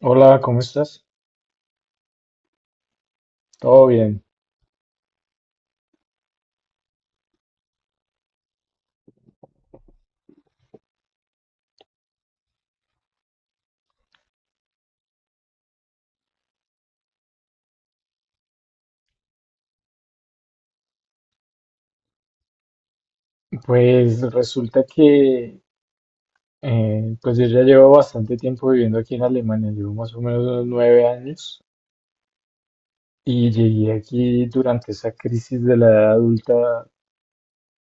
Hola, ¿cómo estás? Todo bien. Pues resulta que pues yo ya llevo bastante tiempo viviendo aquí en Alemania, llevo más o menos unos 9 años y llegué aquí durante esa crisis de la edad adulta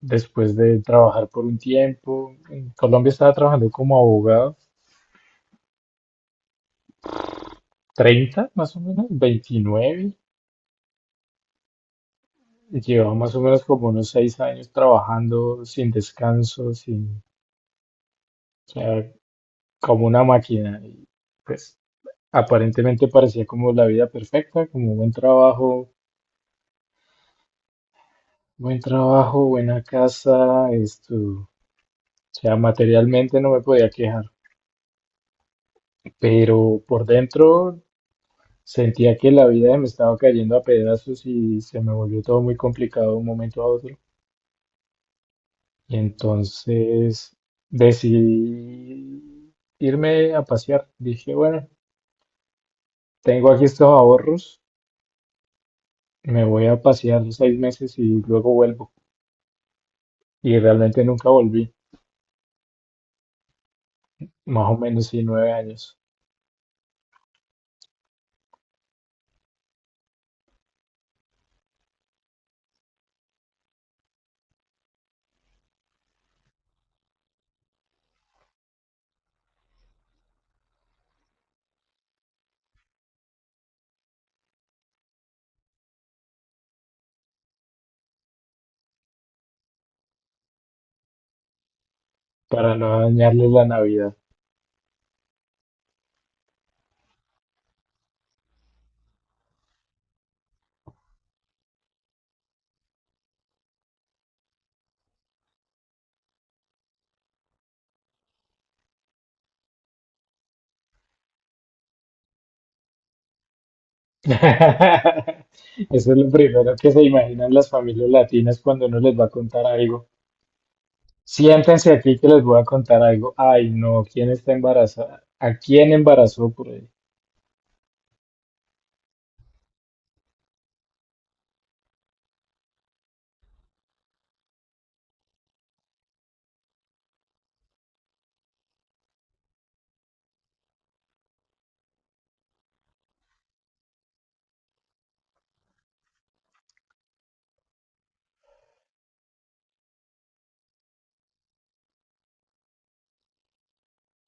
después de trabajar por un tiempo. En Colombia estaba trabajando como abogado, 30 más o menos, 29. Llevaba más o menos como unos 6 años trabajando sin descanso, sin, o sea, como una máquina. Y, pues aparentemente parecía como la vida perfecta, como buen trabajo, buena casa, esto, o sea, materialmente no me podía quejar, pero por dentro sentía que la vida me estaba cayendo a pedazos y se me volvió todo muy complicado de un momento a otro. Y entonces decidí irme a pasear. Dije, bueno, tengo aquí estos ahorros, me voy a pasear 6 meses y luego vuelvo. Y realmente nunca volví. Más o menos, sí, 9 años, para no dañarles la Navidad. Eso es lo primero que se imaginan las familias latinas cuando uno les va a contar algo. Siéntense aquí que les voy a contar algo. Ay, no, ¿quién está embarazada? ¿A quién embarazó por ahí?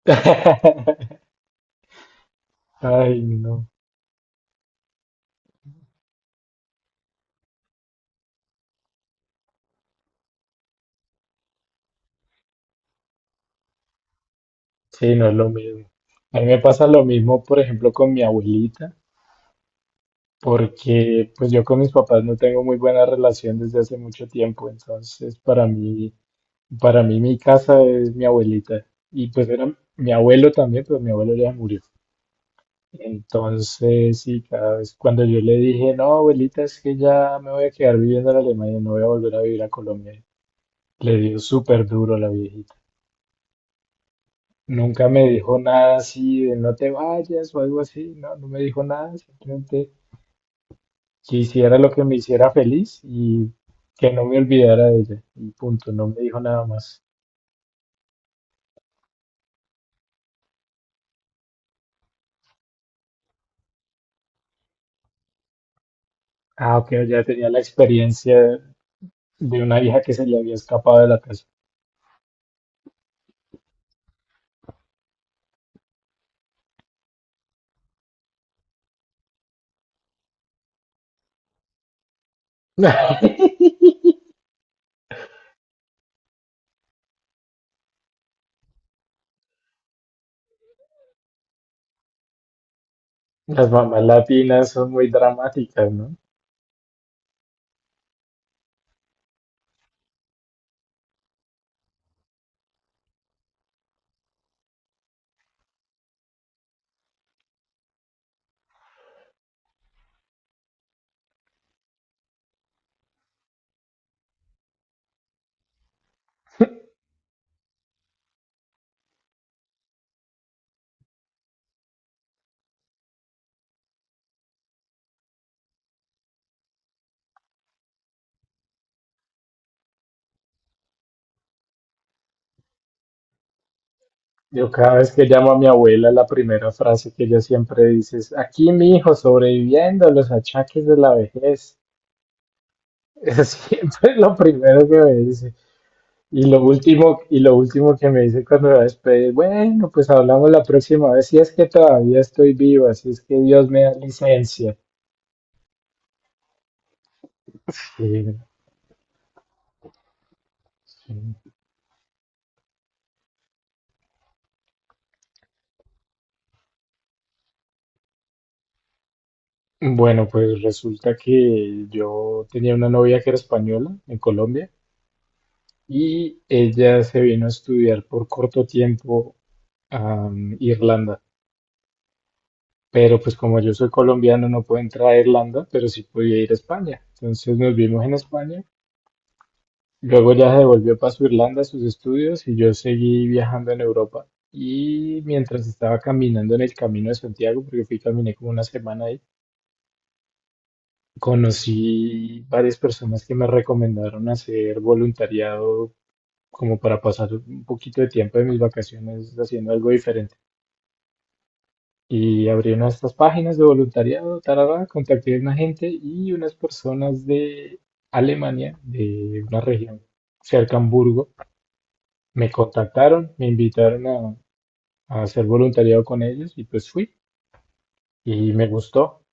Ay, no. Sí, no es lo mismo. A mí me pasa lo mismo, por ejemplo, con mi abuelita, porque pues yo con mis papás no tengo muy buena relación desde hace mucho tiempo, entonces para mí para mí mi casa es mi abuelita y pues era mi abuelo también, pero mi abuelo ya murió. Entonces, sí, cada vez cuando yo le dije, no, abuelita, es que ya me voy a quedar viviendo en Alemania, no voy a volver a vivir a Colombia, le dio súper duro a la viejita. Nunca me dijo nada así de no te vayas o algo así, no, no me dijo nada, simplemente que hiciera lo que me hiciera feliz y que no me olvidara de ella. Y punto, no me dijo nada más. Ah, ok, ya tenía la experiencia de una hija que se le había escapado de la casa. Las mamás latinas son muy dramáticas, ¿no? Yo cada vez que llamo a mi abuela, la primera frase que ella siempre dice es, aquí mi hijo sobreviviendo a los achaques de la vejez. Es siempre es lo primero que me dice. Y lo último que me dice cuando me va a despedir, bueno, pues hablamos la próxima vez, si es que todavía estoy viva, si es que Dios me da licencia. Sí, sí, bueno, pues resulta que yo tenía una novia que era española en Colombia y ella se vino a estudiar por corto tiempo a Irlanda. Pero pues como yo soy colombiano no puedo entrar a Irlanda, pero sí podía ir a España. Entonces nos vimos en España. Luego ella se devolvió para su Irlanda a sus estudios y yo seguí viajando en Europa. Y mientras estaba caminando en el Camino de Santiago, porque fui y caminé como una semana ahí, conocí varias personas que me recomendaron hacer voluntariado como para pasar un poquito de tiempo de mis vacaciones haciendo algo diferente. Y abrieron estas páginas de voluntariado, tarara, contacté a una gente y unas personas de Alemania, de una región cerca a Hamburgo, me contactaron, me invitaron a hacer voluntariado con ellos y pues fui y me gustó.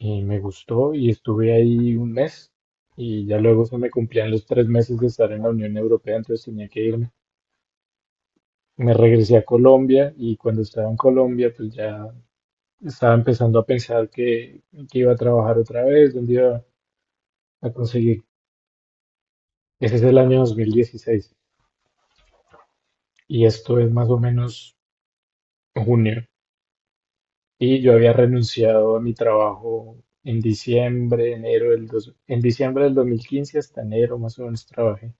Y me gustó y estuve ahí un mes y ya luego se me cumplían los 3 meses de estar en la Unión Europea, entonces tenía que irme. Me regresé a Colombia y cuando estaba en Colombia pues ya estaba empezando a pensar que iba a trabajar otra vez, dónde iba a conseguir. Ese es el año 2016 y esto es más o menos junio. Y yo había renunciado a mi trabajo en diciembre, en diciembre del 2015 hasta enero más o menos trabajé.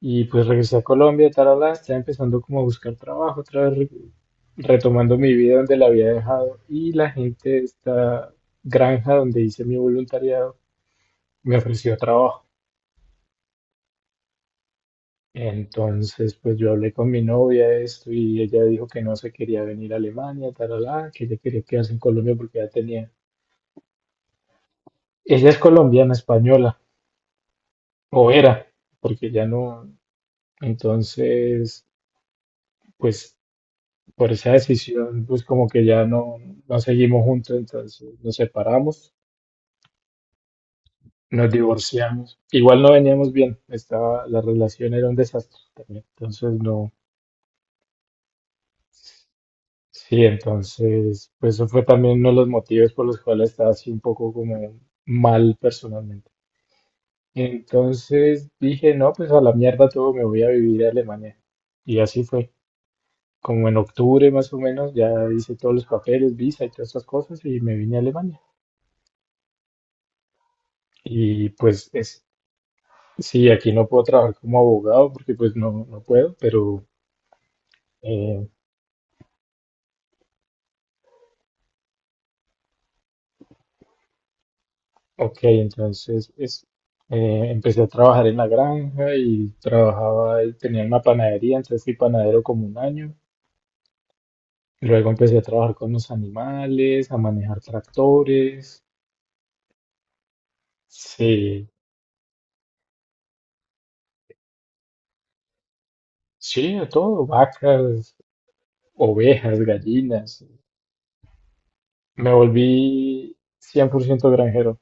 Y pues regresé a Colombia, tarala, estaba empezando como a buscar trabajo, otra vez retomando mi vida donde la había dejado. Y la gente de esta granja donde hice mi voluntariado me ofreció trabajo. Entonces, pues yo hablé con mi novia de esto y ella dijo que no se quería venir a Alemania, tarala, que ella quería quedarse en Colombia porque ya tenía. Ella es colombiana, española, o era, porque ya no. Entonces, pues por esa decisión, pues como que ya no, no seguimos juntos, entonces nos separamos, nos divorciamos. Igual no veníamos bien, la relación era un desastre también, entonces no. Sí, entonces, pues eso fue también uno de los motivos por los cuales estaba así un poco como mal personalmente. Entonces dije, no, pues a la mierda todo, me voy a vivir a Alemania. Y así fue. Como en octubre más o menos, ya hice todos los papeles, visa y todas esas cosas y me vine a Alemania. Y sí, aquí no puedo trabajar como abogado porque pues no, no puedo, pero eh, ok, empecé a trabajar en la granja y trabajaba, y tenía una panadería, entonces fui panadero como un año. Luego empecé a trabajar con los animales, a manejar tractores, sí, sí, de todo, vacas, ovejas, gallinas. Me volví 100% granjero.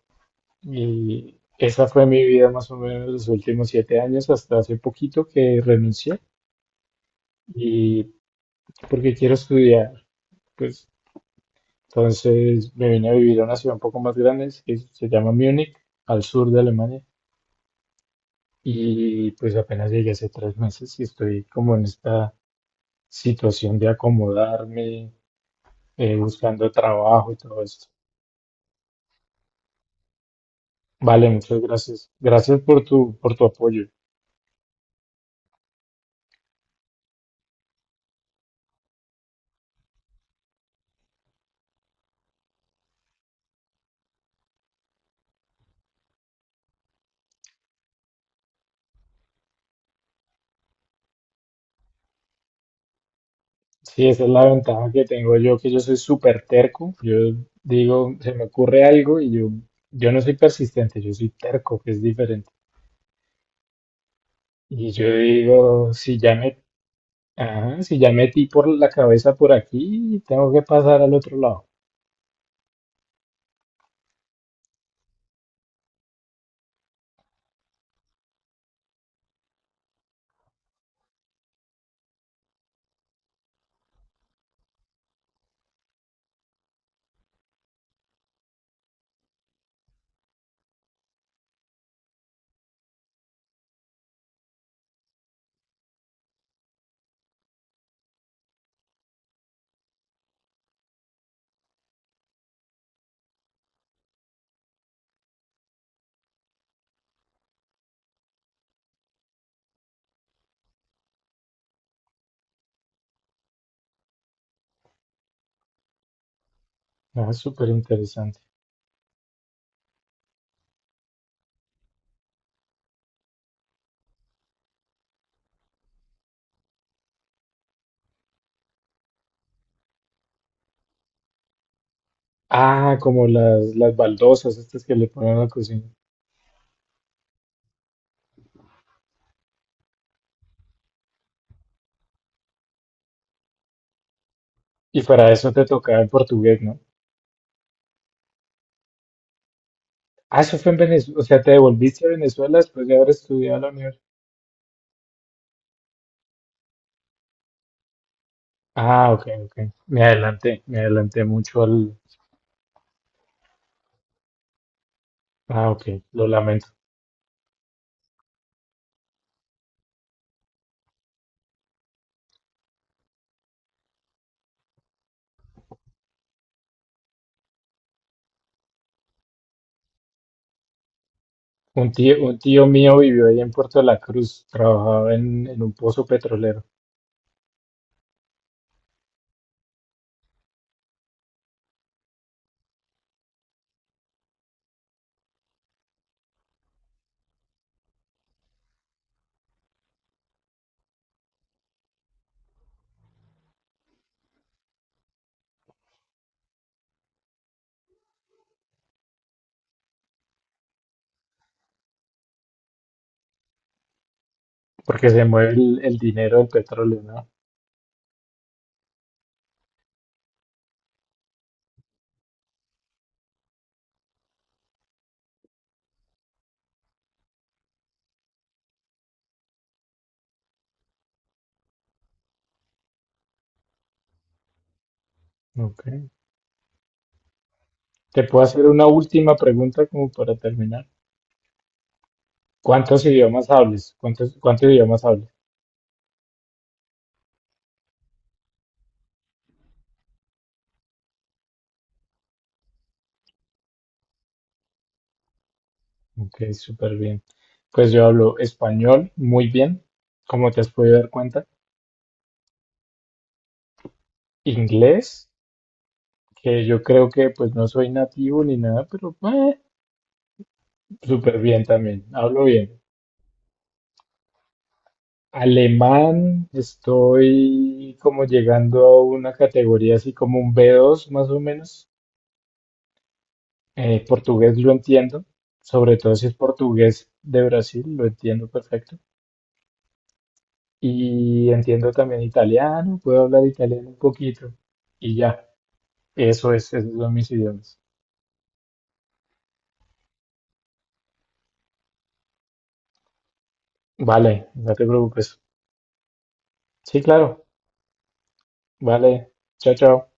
Y esa fue mi vida más o menos los últimos 7 años, hasta hace poquito que renuncié y porque quiero estudiar, pues entonces me vine a vivir a una ciudad un poco más grande que se llama Múnich, al sur de Alemania, y pues apenas llegué hace 3 meses y estoy como en esta situación de acomodarme, buscando trabajo y todo esto. Vale, muchas gracias. Gracias por tu apoyo. Sí, esa es la ventaja que tengo yo, que yo soy súper terco. Yo digo, se me ocurre algo y yo no soy persistente, yo soy terco, que es diferente. Y yo digo, ajá, si ya metí por la cabeza por aquí, tengo que pasar al otro lado. Ah, es súper interesante. Ah, como las baldosas estas que le ponen a la cocina. Y para eso te tocaba el portugués, ¿no? Ah, eso fue en Venezuela, o sea, te devolviste a Venezuela después de haber estudiado en la universidad. Ah, ok, ok. Me adelanté mucho al. Ah, ok, lo lamento. Un tío mío vivió ahí en Puerto La Cruz, trabajaba en un pozo petrolero, porque se mueve el dinero del petróleo, ¿no? Ok. Te puedo hacer una última pregunta como para terminar. ¿Cuántos idiomas hables? ¿Cuántos idiomas hables? Ok, súper bien. Pues yo hablo español muy bien, como te has podido dar cuenta. Inglés, que yo creo que pues no soy nativo ni nada, pero bueno, súper bien también, hablo bien. Alemán, estoy como llegando a una categoría así como un B2 más o menos. Portugués lo entiendo, sobre todo si es portugués de Brasil, lo entiendo perfecto. Y entiendo también italiano, puedo hablar italiano un poquito. Y ya, eso es, esos son mis idiomas. Vale, no te preocupes. Sí, claro, vale. Chao, chao.